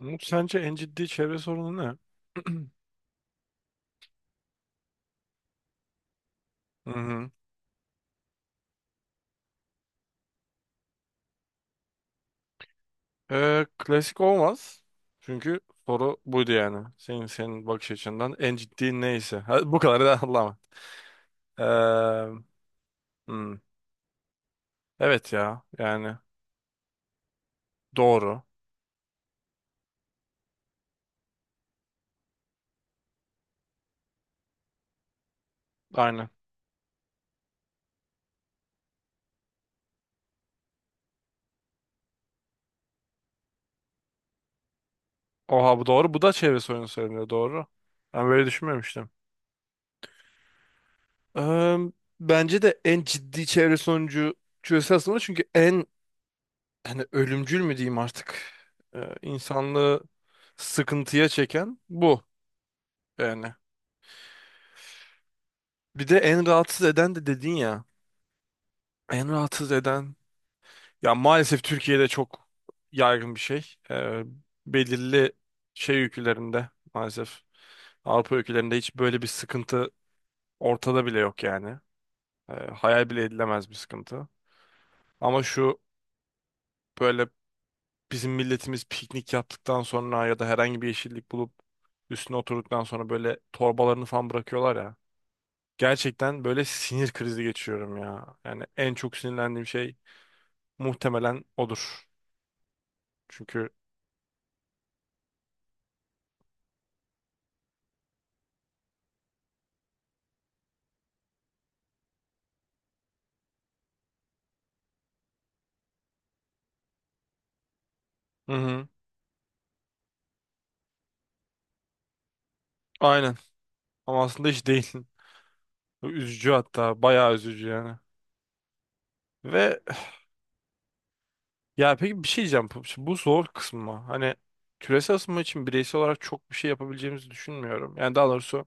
Umut, sence en ciddi çevre sorunu ne? Hı hı. Klasik olmaz. Çünkü soru buydu yani. Senin bakış açından en ciddi neyse. Ha, bu kadar da anlama. Ee, hmm. Evet ya yani doğru. Aynen. Oha, bu doğru. Bu da çevre sorunu söyleniyor, doğru. Ben böyle düşünmemiştim. Eee, Bence de en ciddi çevre sonucu çözülse aslında, çünkü en hani ölümcül mü diyeyim artık, insanlığı sıkıntıya çeken bu yani. Bir de en rahatsız eden de dedin ya. En rahatsız eden. Ya maalesef Türkiye'de çok yaygın bir şey. Belirli şey ülkelerinde maalesef, Avrupa ülkelerinde hiç böyle bir sıkıntı ortada bile yok yani. Hayal bile edilemez bir sıkıntı. Ama şu, böyle, bizim milletimiz piknik yaptıktan sonra ya da herhangi bir yeşillik bulup üstüne oturduktan sonra böyle torbalarını falan bırakıyorlar ya. Gerçekten böyle sinir krizi geçiriyorum ya. Yani en çok sinirlendiğim şey muhtemelen odur. Çünkü hı hı, aynen. Ama aslında hiç değil. Bu üzücü hatta. Bayağı üzücü yani. Ve ya peki, bir şey diyeceğim. Bu zor kısmı. Hani küresel ısınma için bireysel olarak çok bir şey yapabileceğimizi düşünmüyorum. Yani daha doğrusu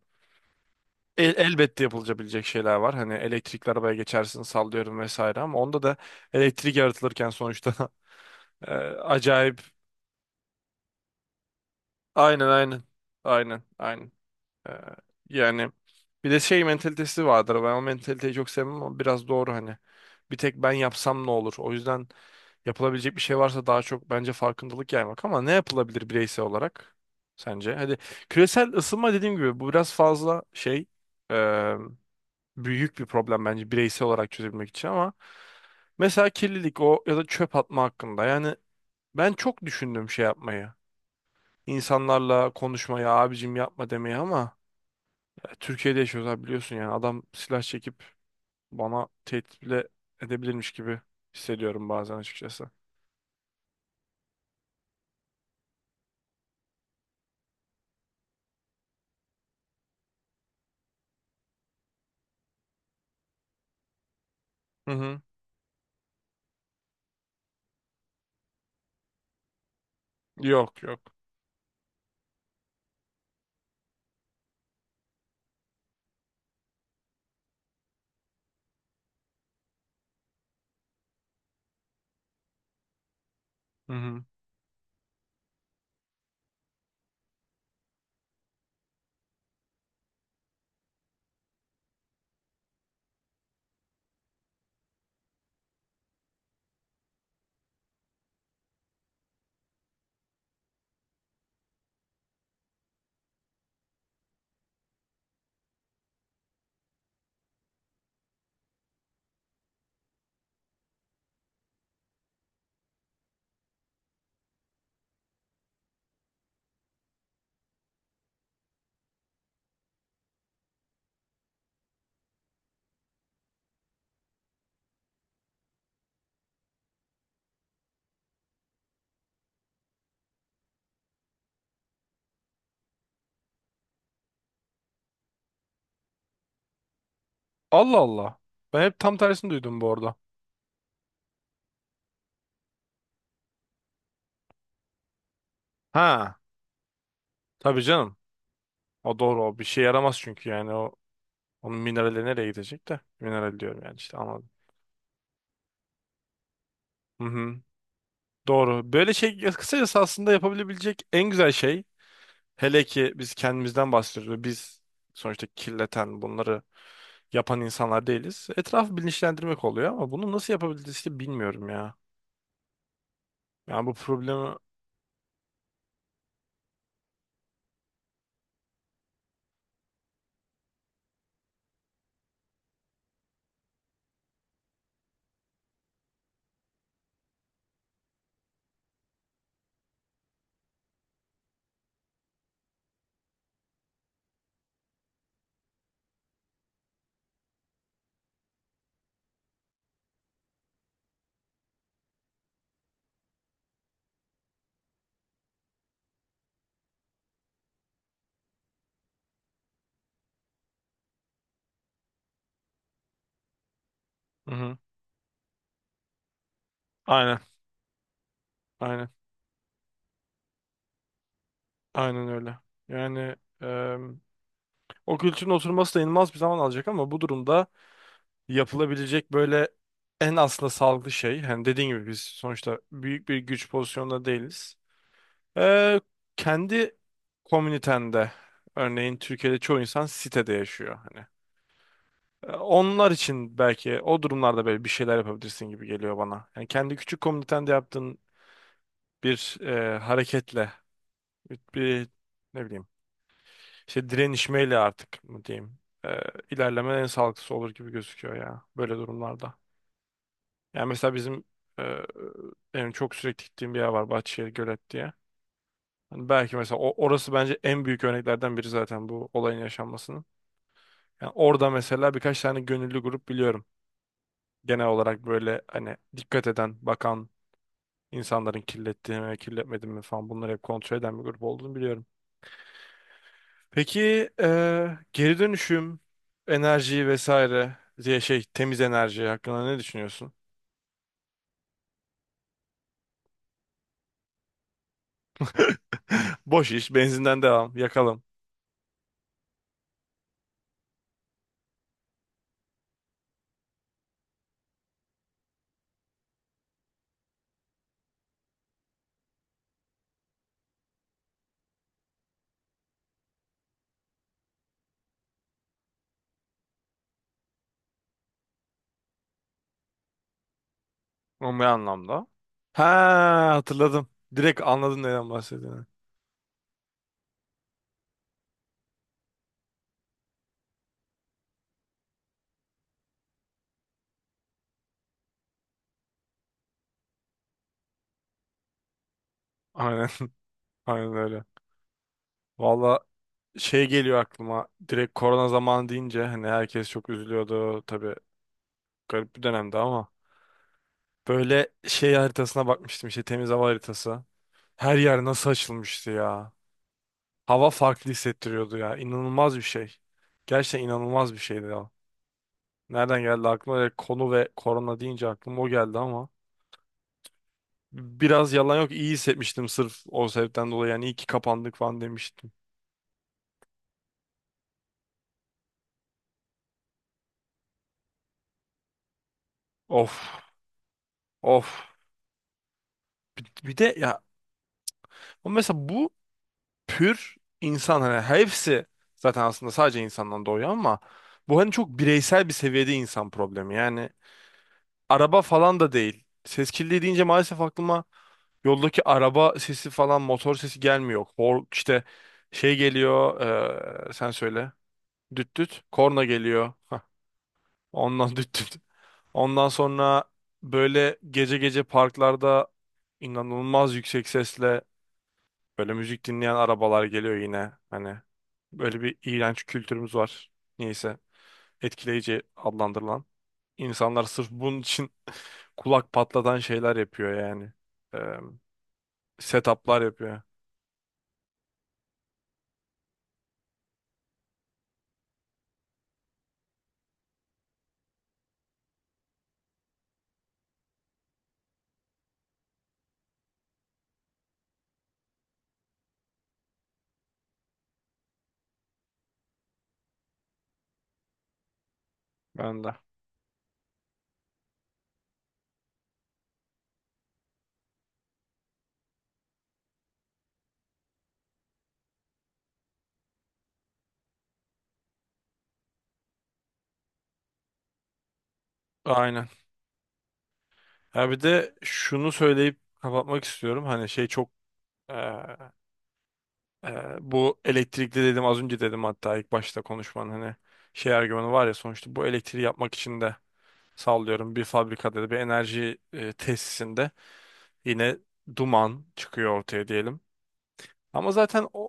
elbette yapılabilecek şeyler var. Hani elektrikli arabaya geçersin sallıyorum vesaire, ama onda da elektrik yaratılırken sonuçta e, acayip. Aynen aynen. Aynen aynen. Ee, Yani bir de şey mentalitesi vardır. Ben o mentaliteyi çok sevmem ama biraz doğru hani. Bir tek ben yapsam ne olur? O yüzden yapılabilecek bir şey varsa daha çok bence farkındalık yaymak, ama ne yapılabilir bireysel olarak sence? Hadi küresel ısınma dediğim gibi bu biraz fazla şey, e, büyük bir problem bence bireysel olarak çözebilmek için, ama mesela kirlilik o ya da çöp atma hakkında yani ben çok düşündüm şey yapmayı. İnsanlarla konuşmayı abicim, yapma demeyi, ama Türkiye'de yaşıyoruz abi biliyorsun, yani adam silah çekip bana tehdit bile edebilirmiş gibi hissediyorum bazen açıkçası. Hı hı. Yok yok. Hı hı. Allah Allah. Ben hep tam tersini duydum bu arada. Ha, tabii canım. O doğru, o bir şey yaramaz çünkü yani o, onun minerali nereye gidecek de. Mineral diyorum yani işte, anladım. Hı hı. Doğru. Böyle şey kısacası, aslında yapabilebilecek en güzel şey, hele ki biz kendimizden bahsediyoruz. Biz sonuçta kirleten, bunları yapan insanlar değiliz. Etrafı bilinçlendirmek oluyor, ama bunu nasıl yapabiliriz ki bilmiyorum ya. Yani bu problemi... Hı-hı. Aynen, aynen, aynen öyle. Yani e, o kültürün oturması da inanılmaz bir zaman alacak, ama bu durumda yapılabilecek böyle en aslında sağlıklı şey, hani dediğin gibi biz sonuçta büyük bir güç pozisyonunda değiliz. E, Kendi komünitende, örneğin Türkiye'de çoğu insan sitede yaşıyor. Hani e, onlar için belki o durumlarda böyle bir şeyler yapabilirsin gibi geliyor bana. Yani kendi küçük komünitende yaptığın bir hareketle, bir ne bileyim, işte direnişmeyle artık mı diyeyim, e, ilerleme en sağlıklısı olur gibi gözüküyor ya böyle durumlarda. Yani mesela bizim, e, benim çok sürekli gittiğim bir yer var, Bahçeşehir Gölet diye. Hani belki mesela orası bence en büyük örneklerden biri zaten bu olayın yaşanmasının. Yani orada mesela birkaç tane gönüllü grup biliyorum, genel olarak böyle hani dikkat eden, bakan, İnsanların kirlettiğini mi, kirletmediğini mi falan bunları hep kontrol eden bir grup olduğunu biliyorum. Peki geri dönüşüm, enerji vesaire diye şey, temiz enerji hakkında ne düşünüyorsun? Boş iş, benzinden devam, yakalım. O ne anlamda? Ha, hatırladım. Direkt anladın neden bahsettiğini. Aynen, aynen öyle. Valla şey geliyor aklıma. Direkt korona zamanı deyince hani herkes çok üzülüyordu. Tabii garip bir dönemdi ama. Böyle şey haritasına bakmıştım, işte temiz hava haritası. Her yer nasıl açılmıştı ya. Hava farklı hissettiriyordu ya. İnanılmaz bir şey. Gerçekten inanılmaz bir şeydi ya. Nereden geldi aklıma? Direkt konu ve korona deyince aklıma o geldi ama. Biraz yalan yok, iyi hissetmiştim sırf o sebepten dolayı. Yani iyi ki kapandık falan demiştim. Of of. Bir de ya o mesela bu pür insan, hani hepsi zaten aslında sadece insandan doğuyor, ama bu hani çok bireysel bir seviyede insan problemi. Yani araba falan da değil. Ses kirliliği deyince maalesef aklıma yoldaki araba sesi falan, motor sesi gelmiyor. Hor, işte şey geliyor sen söyle. Düt düt. Korna geliyor. Hah, ondan düt düt. Ondan sonra böyle gece gece parklarda inanılmaz yüksek sesle böyle müzik dinleyen arabalar geliyor yine. Hani böyle bir iğrenç kültürümüz var. Neyse, etkileyici adlandırılan. İnsanlar sırf bunun için kulak patlatan şeyler yapıyor yani. Ee, Setuplar yapıyor. Ben de. Aynen. Ya bir de şunu söyleyip kapatmak istiyorum. Hani şey çok e, bu elektrikli dedim az önce, dedim hatta ilk başta konuşmanın, hani şey argümanı var ya, sonuçta bu elektriği yapmak için de sallıyorum bir fabrikada da bir enerji tesisinde yine duman çıkıyor ortaya diyelim. Ama zaten o,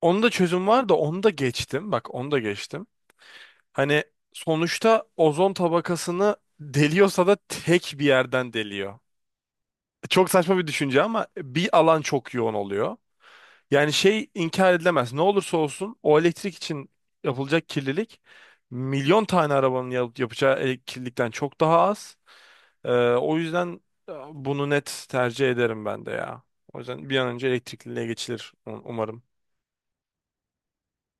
onun da çözüm var da onu da geçtim. Bak, onu da geçtim. Hani sonuçta ozon tabakasını deliyorsa da tek bir yerden deliyor. Çok saçma bir düşünce ama bir alan çok yoğun oluyor. Yani şey inkar edilemez. Ne olursa olsun o elektrik için yapılacak kirlilik, milyon tane arabanın yapacağı kirlilikten çok daha az. O yüzden bunu net tercih ederim ben de ya. O yüzden bir an önce elektrikliliğe geçilir umarım.